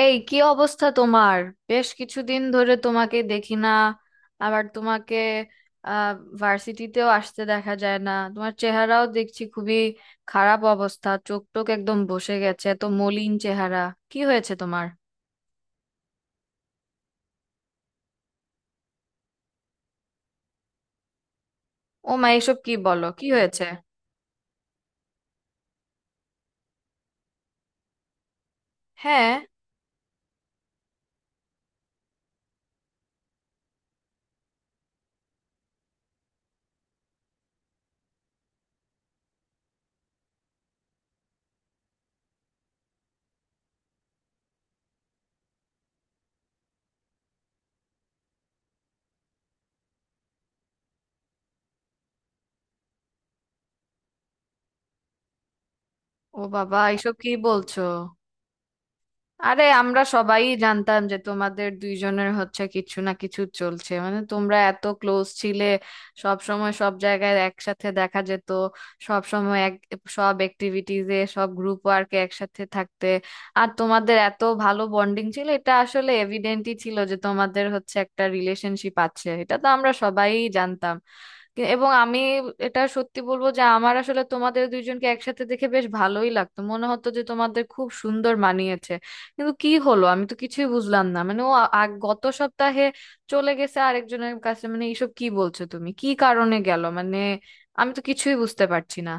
এই কি অবস্থা তোমার? বেশ কিছুদিন ধরে তোমাকে দেখি না। আবার তোমাকে আহ ভার্সিটিতেও আসতে দেখা যায় না, তোমার চেহারাও দেখছি খুবই খারাপ অবস্থা। চোখ টোক একদম বসে গেছে, এত মলিন চেহারা। কি হয়েছে তোমার? ও মা, এসব কি বলো, কি হয়েছে? হ্যাঁ। ও বাবা, এসব কি বলছো? আরে আমরা সবাই জানতাম যে তোমাদের দুইজনের হচ্ছে কিছু না কিছু চলছে, মানে তোমরা এত ক্লোজ ছিলে, সব সময় সব জায়গায় একসাথে দেখা যেত, সব সময় এক, সব অ্যাক্টিভিটিজে সব গ্রুপ ওয়ার্কে একসাথে থাকতে। আর তোমাদের এত ভালো বন্ডিং ছিল, এটা আসলে এভিডেন্টই ছিল যে তোমাদের হচ্ছে একটা রিলেশনশিপ আছে, এটা তো আমরা সবাই জানতাম। এবং আমি এটা সত্যি বলবো যে আমার আসলে তোমাদের দুইজনকে একসাথে দেখে বেশ ভালোই লাগতো, মনে হতো যে তোমাদের খুব সুন্দর মানিয়েছে। কিন্তু কি হলো, আমি তো কিছুই বুঝলাম না, মানে ও গত সপ্তাহে চলে গেছে আরেকজনের কাছে, মানে এইসব কি বলছো তুমি, কি কারণে গেল মানে? আমি তো কিছুই বুঝতে পারছি না।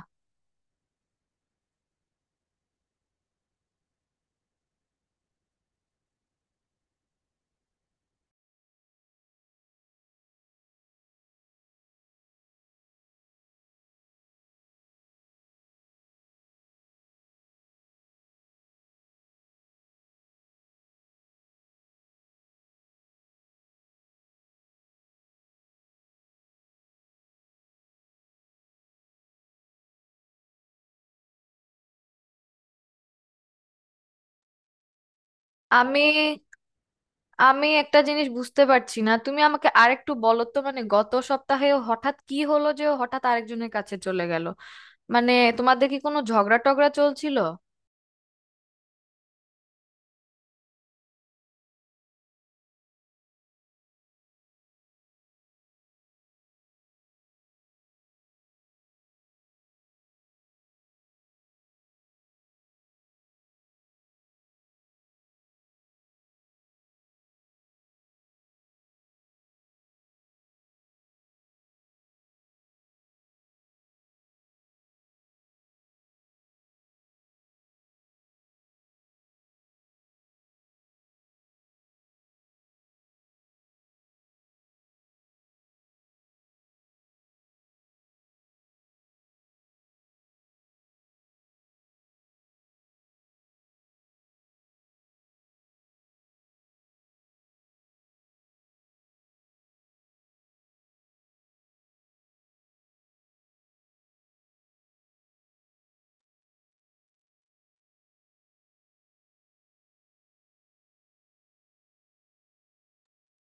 আমি আমি একটা জিনিস বুঝতে পারছি না, তুমি আমাকে আরেকটু বলো তো, মানে গত সপ্তাহে ও হঠাৎ কি হলো যে ও হঠাৎ আরেকজনের কাছে চলে গেল? মানে তোমাদের কি কোনো ঝগড়া টগড়া চলছিল?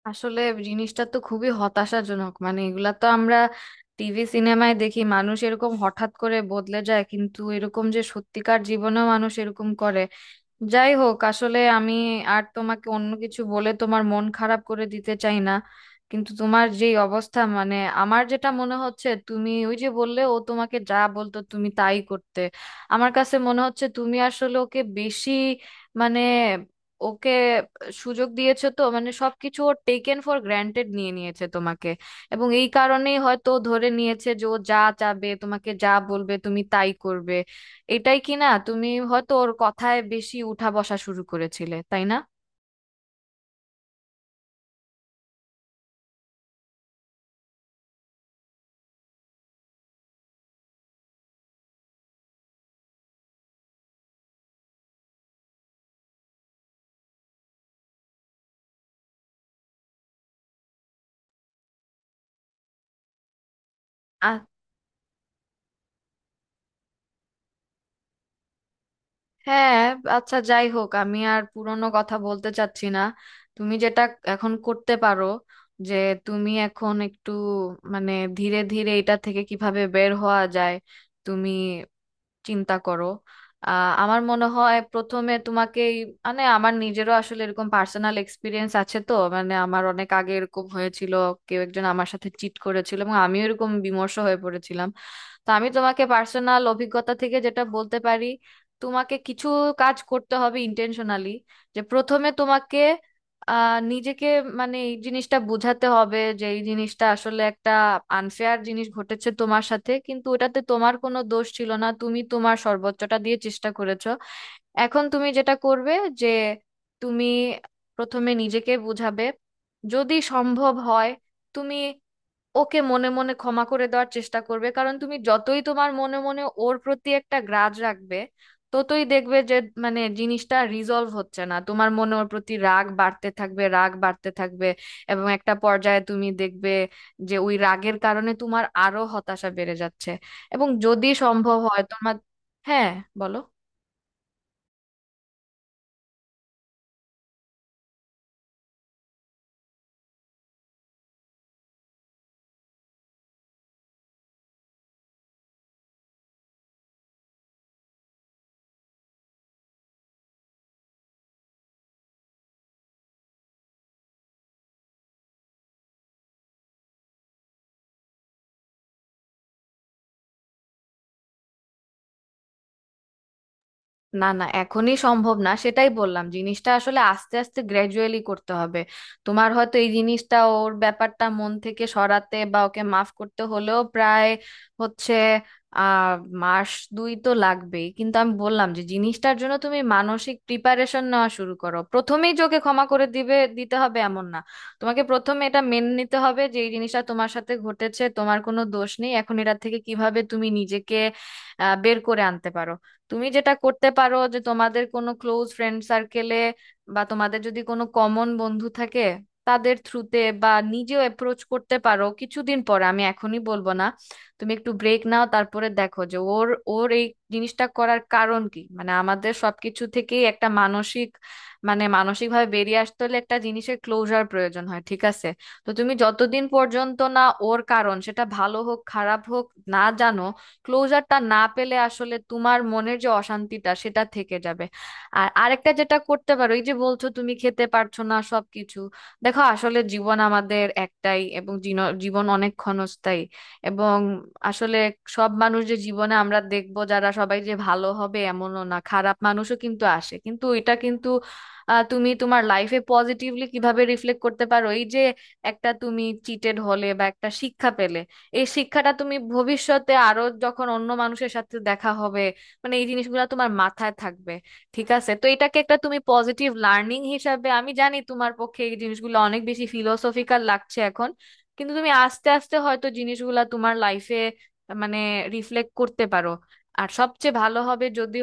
আসলে জিনিসটা তো খুবই হতাশাজনক, মানে এগুলা তো আমরা টিভি সিনেমায় দেখি মানুষ এরকম হঠাৎ করে বদলে যায়, কিন্তু এরকম যে সত্যিকার জীবনেও মানুষ এরকম করে। যাই হোক, আসলে আমি আর তোমাকে অন্য কিছু বলে তোমার মন খারাপ করে দিতে চাই না, কিন্তু তোমার যে অবস্থা মানে, আমার যেটা মনে হচ্ছে তুমি ওই যে বললে ও তোমাকে যা বলতো তুমি তাই করতে, আমার কাছে মনে হচ্ছে তুমি আসলে ওকে বেশি, মানে ওকে সুযোগ দিয়েছো তো, মানে সবকিছু ও টেকেন ফর গ্রান্টেড নিয়ে নিয়েছে তোমাকে, এবং এই কারণেই হয়তো ও ধরে নিয়েছে যে ও যা চাবে তোমাকে যা বলবে তুমি তাই করবে। এটাই কি না তুমি হয়তো ওর কথায় বেশি উঠা বসা শুরু করেছিলে, তাই না? আ- হ্যাঁ। আচ্ছা যাই হোক, আমি আর পুরনো কথা বলতে চাচ্ছি না। তুমি যেটা এখন করতে পারো, যে তুমি এখন একটু, মানে ধীরে ধীরে এটা থেকে কিভাবে বের হওয়া যায় তুমি চিন্তা করো। আমার মনে হয় প্রথমে তোমাকে মানে আমার নিজেরও আসলে এরকম পার্সোনাল এক্সপিরিয়েন্স আছে তো, মানে আমার অনেক আগে এরকম হয়েছিল, কেউ একজন আমার সাথে চিট করেছিল এবং আমিও এরকম বিমর্ষ হয়ে পড়েছিলাম। তো আমি তোমাকে পার্সোনাল অভিজ্ঞতা থেকে যেটা বলতে পারি, তোমাকে কিছু কাজ করতে হবে ইন্টেনশনালি, যে প্রথমে তোমাকে নিজেকে, মানে এই জিনিসটা বোঝাতে হবে যে এই জিনিসটা আসলে একটা আনফেয়ার জিনিস ঘটেছে তোমার সাথে, কিন্তু ওটাতে তোমার কোনো দোষ ছিল না, তুমি তোমার সর্বোচ্চটা দিয়ে চেষ্টা করেছো। এখন তুমি যেটা করবে, যে তুমি প্রথমে নিজেকে বোঝাবে, যদি সম্ভব হয় তুমি ওকে মনে মনে ক্ষমা করে দেওয়ার চেষ্টা করবে, কারণ তুমি যতই তোমার মনে মনে ওর প্রতি একটা গ্রাজ রাখবে ততই দেখবে যে মানে জিনিসটা রিজলভ হচ্ছে না, তোমার মনে ওর প্রতি রাগ বাড়তে থাকবে, রাগ বাড়তে থাকবে, এবং একটা পর্যায়ে তুমি দেখবে যে ওই রাগের কারণে তোমার আরো হতাশা বেড়ে যাচ্ছে। এবং যদি সম্ভব হয় তোমার, হ্যাঁ বলো। না না, এখনই সম্ভব না, সেটাই বললাম। জিনিসটা আসলে আস্তে আস্তে গ্র্যাজুয়ালি করতে হবে। তোমার হয়তো এই জিনিসটা ওর ব্যাপারটা মন থেকে সরাতে বা ওকে মাফ করতে হলেও প্রায় হচ্ছে আহ মাস দুই তো লাগবেই, কিন্তু আমি বললাম যে জিনিসটার জন্য তুমি মানসিক প্রিপারেশন নেওয়া শুরু করো, প্রথমেই যে ওকে ক্ষমা করে দিবে দিতে হবে এমন না। তোমাকে প্রথমে এটা মেনে নিতে হবে যে এই জিনিসটা তোমার সাথে ঘটেছে, তোমার কোনো দোষ নেই, এখন এটা থেকে কিভাবে তুমি নিজেকে বের করে আনতে পারো। তুমি যেটা করতে পারো, যে তোমাদের কোনো ক্লোজ ফ্রেন্ড সার্কেলে বা তোমাদের যদি কোনো কমন বন্ধু থাকে তাদের থ্রুতে বা নিজেও অ্যাপ্রোচ করতে পারো, কিছুদিন পরে, আমি এখনই বলবো না। তুমি একটু ব্রেক নাও, তারপরে দেখো যে ওর ওর এই জিনিসটা করার কারণ কি, মানে আমাদের সবকিছু থেকেই একটা মানসিক, মানে মানসিকভাবে বেরিয়ে আসতে হলে একটা জিনিসের ক্লোজার প্রয়োজন হয়, ঠিক আছে? তো তুমি যতদিন পর্যন্ত না ওর কারণ, সেটা ভালো হোক খারাপ হোক, না জানো, ক্লোজারটা না পেলে আসলে তোমার মনের যে অশান্তিটা সেটা থেকে যাবে। আর আরেকটা যেটা করতে পারো, এই যে বলছো তুমি খেতে পারছো না সবকিছু, দেখো আসলে জীবন আমাদের একটাই এবং জীবন অনেক ক্ষণস্থায়ী, এবং আসলে সব মানুষ যে জীবনে আমরা দেখবো যারা সবাই যে ভালো হবে এমনও না, খারাপ মানুষও কিন্তু আসে, কিন্তু এটা কিন্তু তুমি তোমার লাইফে পজিটিভলি কিভাবে রিফ্লেক্ট করতে পারো, এই যে একটা তুমি চিটেড হলে বা একটা শিক্ষা পেলে, এই শিক্ষাটা তুমি ভবিষ্যতে আরো যখন অন্য মানুষের সাথে দেখা হবে মানে এই জিনিসগুলো তোমার মাথায় থাকবে, ঠিক আছে? তো এটাকে একটা তুমি পজিটিভ লার্নিং হিসাবে, আমি জানি তোমার পক্ষে এই জিনিসগুলো অনেক বেশি ফিলোসফিক্যাল লাগছে এখন, কিন্তু তুমি আস্তে আস্তে হয়তো জিনিসগুলা তোমার লাইফে মানে রিফ্লেক্ট করতে পারো। আর সবচেয়ে ভালো হবে যদি,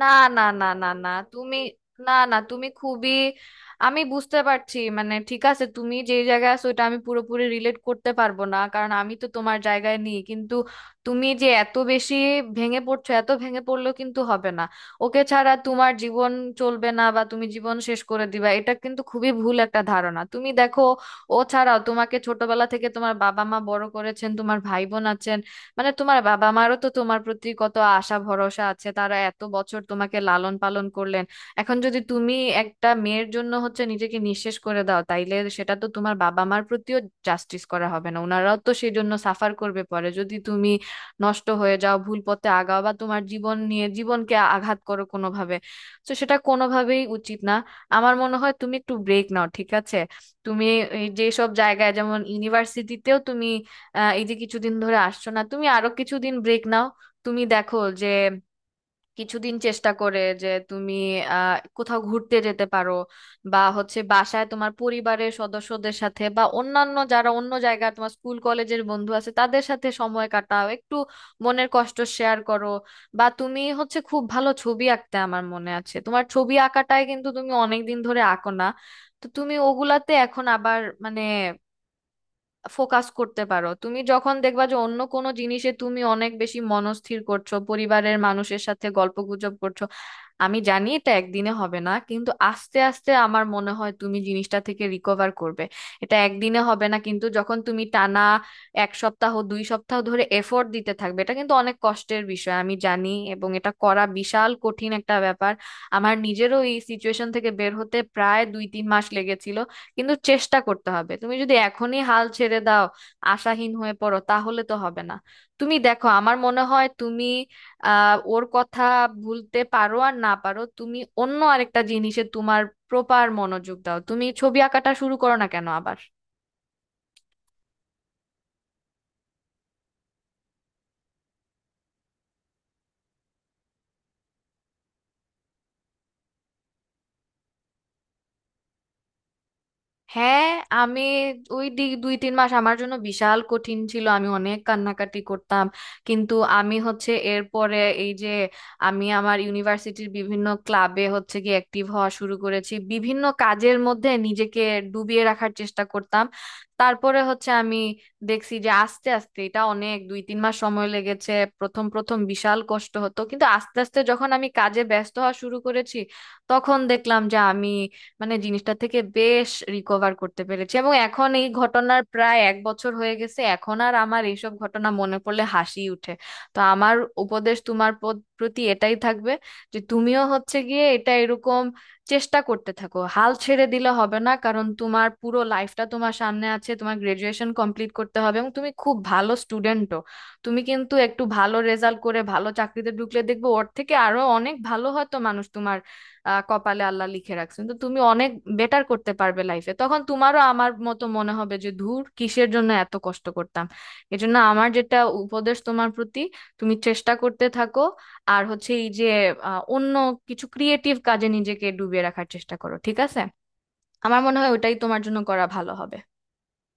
না না না না না তুমি, না না তুমি খুবই, আমি বুঝতে পারছি, মানে ঠিক আছে তুমি যে জায়গায় আছো ওটা আমি পুরোপুরি রিলেট করতে পারবো না, কারণ আমি তো তোমার জায়গায় নেই, কিন্তু তুমি যে এত বেশি ভেঙে পড়ছো, এত ভেঙে পড়লেও কিন্তু হবে না। ওকে ছাড়া তোমার জীবন চলবে না বা তুমি জীবন শেষ করে দিবা, এটা কিন্তু খুবই ভুল একটা ধারণা। তুমি দেখো, ও ছাড়াও তোমাকে ছোটবেলা থেকে তোমার বাবা মা বড় করেছেন, তোমার ভাই বোন আছেন, মানে তোমার বাবা মারও তো তোমার প্রতি কত আশা ভরসা আছে, তারা এত বছর তোমাকে লালন পালন করলেন। এখন যদি তুমি একটা মেয়ের জন্য হচ্ছে নিজেকে নিঃশেষ করে দাও, তাইলে সেটা তো তোমার বাবা মার প্রতিও জাস্টিস করা হবে না, ওনারাও তো সেই জন্য সাফার করবে পরে, যদি তুমি নষ্ট হয়ে যাও, ভুল পথে আগাও বা তোমার জীবন নিয়ে জীবনকে আঘাত করো কোনোভাবে, তো সেটা কোনোভাবেই উচিত না। আমার মনে হয় তুমি একটু ব্রেক নাও, ঠিক আছে? তুমি এই যেসব জায়গায় যেমন ইউনিভার্সিটিতেও তুমি এই যে কিছুদিন ধরে আসছো না, তুমি আরো কিছুদিন ব্রেক নাও। তুমি দেখো যে কিছুদিন চেষ্টা করে যে তুমি কোথাও ঘুরতে যেতে পারো, বা হচ্ছে বাসায় তোমার পরিবারের সদস্যদের সাথে বা অন্যান্য যারা অন্য জায়গায় তোমার স্কুল কলেজের বন্ধু আছে তাদের সাথে সময় কাটাও একটু, মনের কষ্ট শেয়ার করো। বা তুমি হচ্ছে খুব ভালো ছবি আঁকতে, আমার মনে আছে, তোমার ছবি আঁকাটাই কিন্তু তুমি অনেকদিন ধরে আঁকো না, তো তুমি ওগুলাতে এখন আবার মানে ফোকাস করতে পারো। তুমি যখন দেখবা যে অন্য কোনো জিনিসে তুমি অনেক বেশি মনস্থির করছো, পরিবারের মানুষের সাথে গল্পগুজব করছো, আমি জানি এটা একদিনে হবে না, কিন্তু আস্তে আস্তে আমার মনে হয় তুমি জিনিসটা থেকে রিকভার করবে। এটা একদিনে হবে না, কিন্তু যখন তুমি টানা এক সপ্তাহ দুই সপ্তাহ ধরে এফোর্ট দিতে থাকবে, এটা কিন্তু অনেক কষ্টের বিষয় আমি জানি, এবং এটা করা বিশাল কঠিন একটা ব্যাপার। আমার নিজেরও এই সিচুয়েশন থেকে বের হতে প্রায় দুই তিন মাস লেগেছিল, কিন্তু চেষ্টা করতে হবে। তুমি যদি এখনই হাল ছেড়ে দাও, আশাহীন হয়ে পড়ো, তাহলে তো হবে না। তুমি দেখো, আমার মনে হয় তুমি ওর কথা ভুলতে পারো আর না পারো, তুমি অন্য আরেকটা জিনিসে তোমার প্রপার মনোযোগ দাও, তুমি ছবি আঁকাটা শুরু করো না কেন আবার? হ্যাঁ। আমি ওই দুই তিন মাস আমার জন্য বিশাল কঠিন ছিল, আমি অনেক কান্নাকাটি করতাম, কিন্তু আমি হচ্ছে এরপরে, এই যে, আমি আমার ইউনিভার্সিটির বিভিন্ন ক্লাবে হচ্ছে কি অ্যাক্টিভ হওয়া শুরু করেছি, বিভিন্ন কাজের মধ্যে নিজেকে ডুবিয়ে রাখার চেষ্টা করতাম। তারপরে হচ্ছে আমি দেখছি যে আস্তে আস্তে এটা, অনেক দুই তিন মাস সময় লেগেছে, প্রথম প্রথম বিশাল কষ্ট হতো, কিন্তু আস্তে আস্তে যখন আমি কাজে ব্যস্ত হওয়া শুরু করেছি তখন দেখলাম যে আমি মানে জিনিসটা থেকে বেশ রিকভার করতে পেরেছি, এবং এখন এই ঘটনার প্রায় এক বছর হয়ে গেছে, এখন আর আমার এইসব ঘটনা মনে পড়লে হাসি উঠে। তো আমার উপদেশ তোমার প্রতি এটাই থাকবে, যে তুমিও হচ্ছে গিয়ে এটা এরকম চেষ্টা করতে থাকো, হাল ছেড়ে দিলে হবে না, কারণ তোমার পুরো লাইফটা তোমার সামনে আছে, তোমার গ্রাজুয়েশন কমপ্লিট করতে হবে, এবং তুমি খুব ভালো স্টুডেন্টও। তুমি কিন্তু একটু ভালো রেজাল্ট করে ভালো চাকরিতে ঢুকলে দেখবে ওর থেকে আরো অনেক ভালো হয়তো মানুষ তোমার কপালে আল্লাহ লিখে রাখছেন, তো তুমি অনেক বেটার করতে পারবে লাইফে, তখন তোমারও আমার মতো মনে হবে যে ধুর কিসের জন্য এত কষ্ট করতাম। এজন্য আমার যেটা উপদেশ তোমার প্রতি, তুমি চেষ্টা করতে থাকো। আর হচ্ছে এই যে অন্য কিছু ক্রিয়েটিভ কাজে নিজেকে ডুবিয়ে রাখার চেষ্টা করো, ঠিক আছে? আমার মনে হয় ওটাই তোমার জন্য করা ভালো হবে।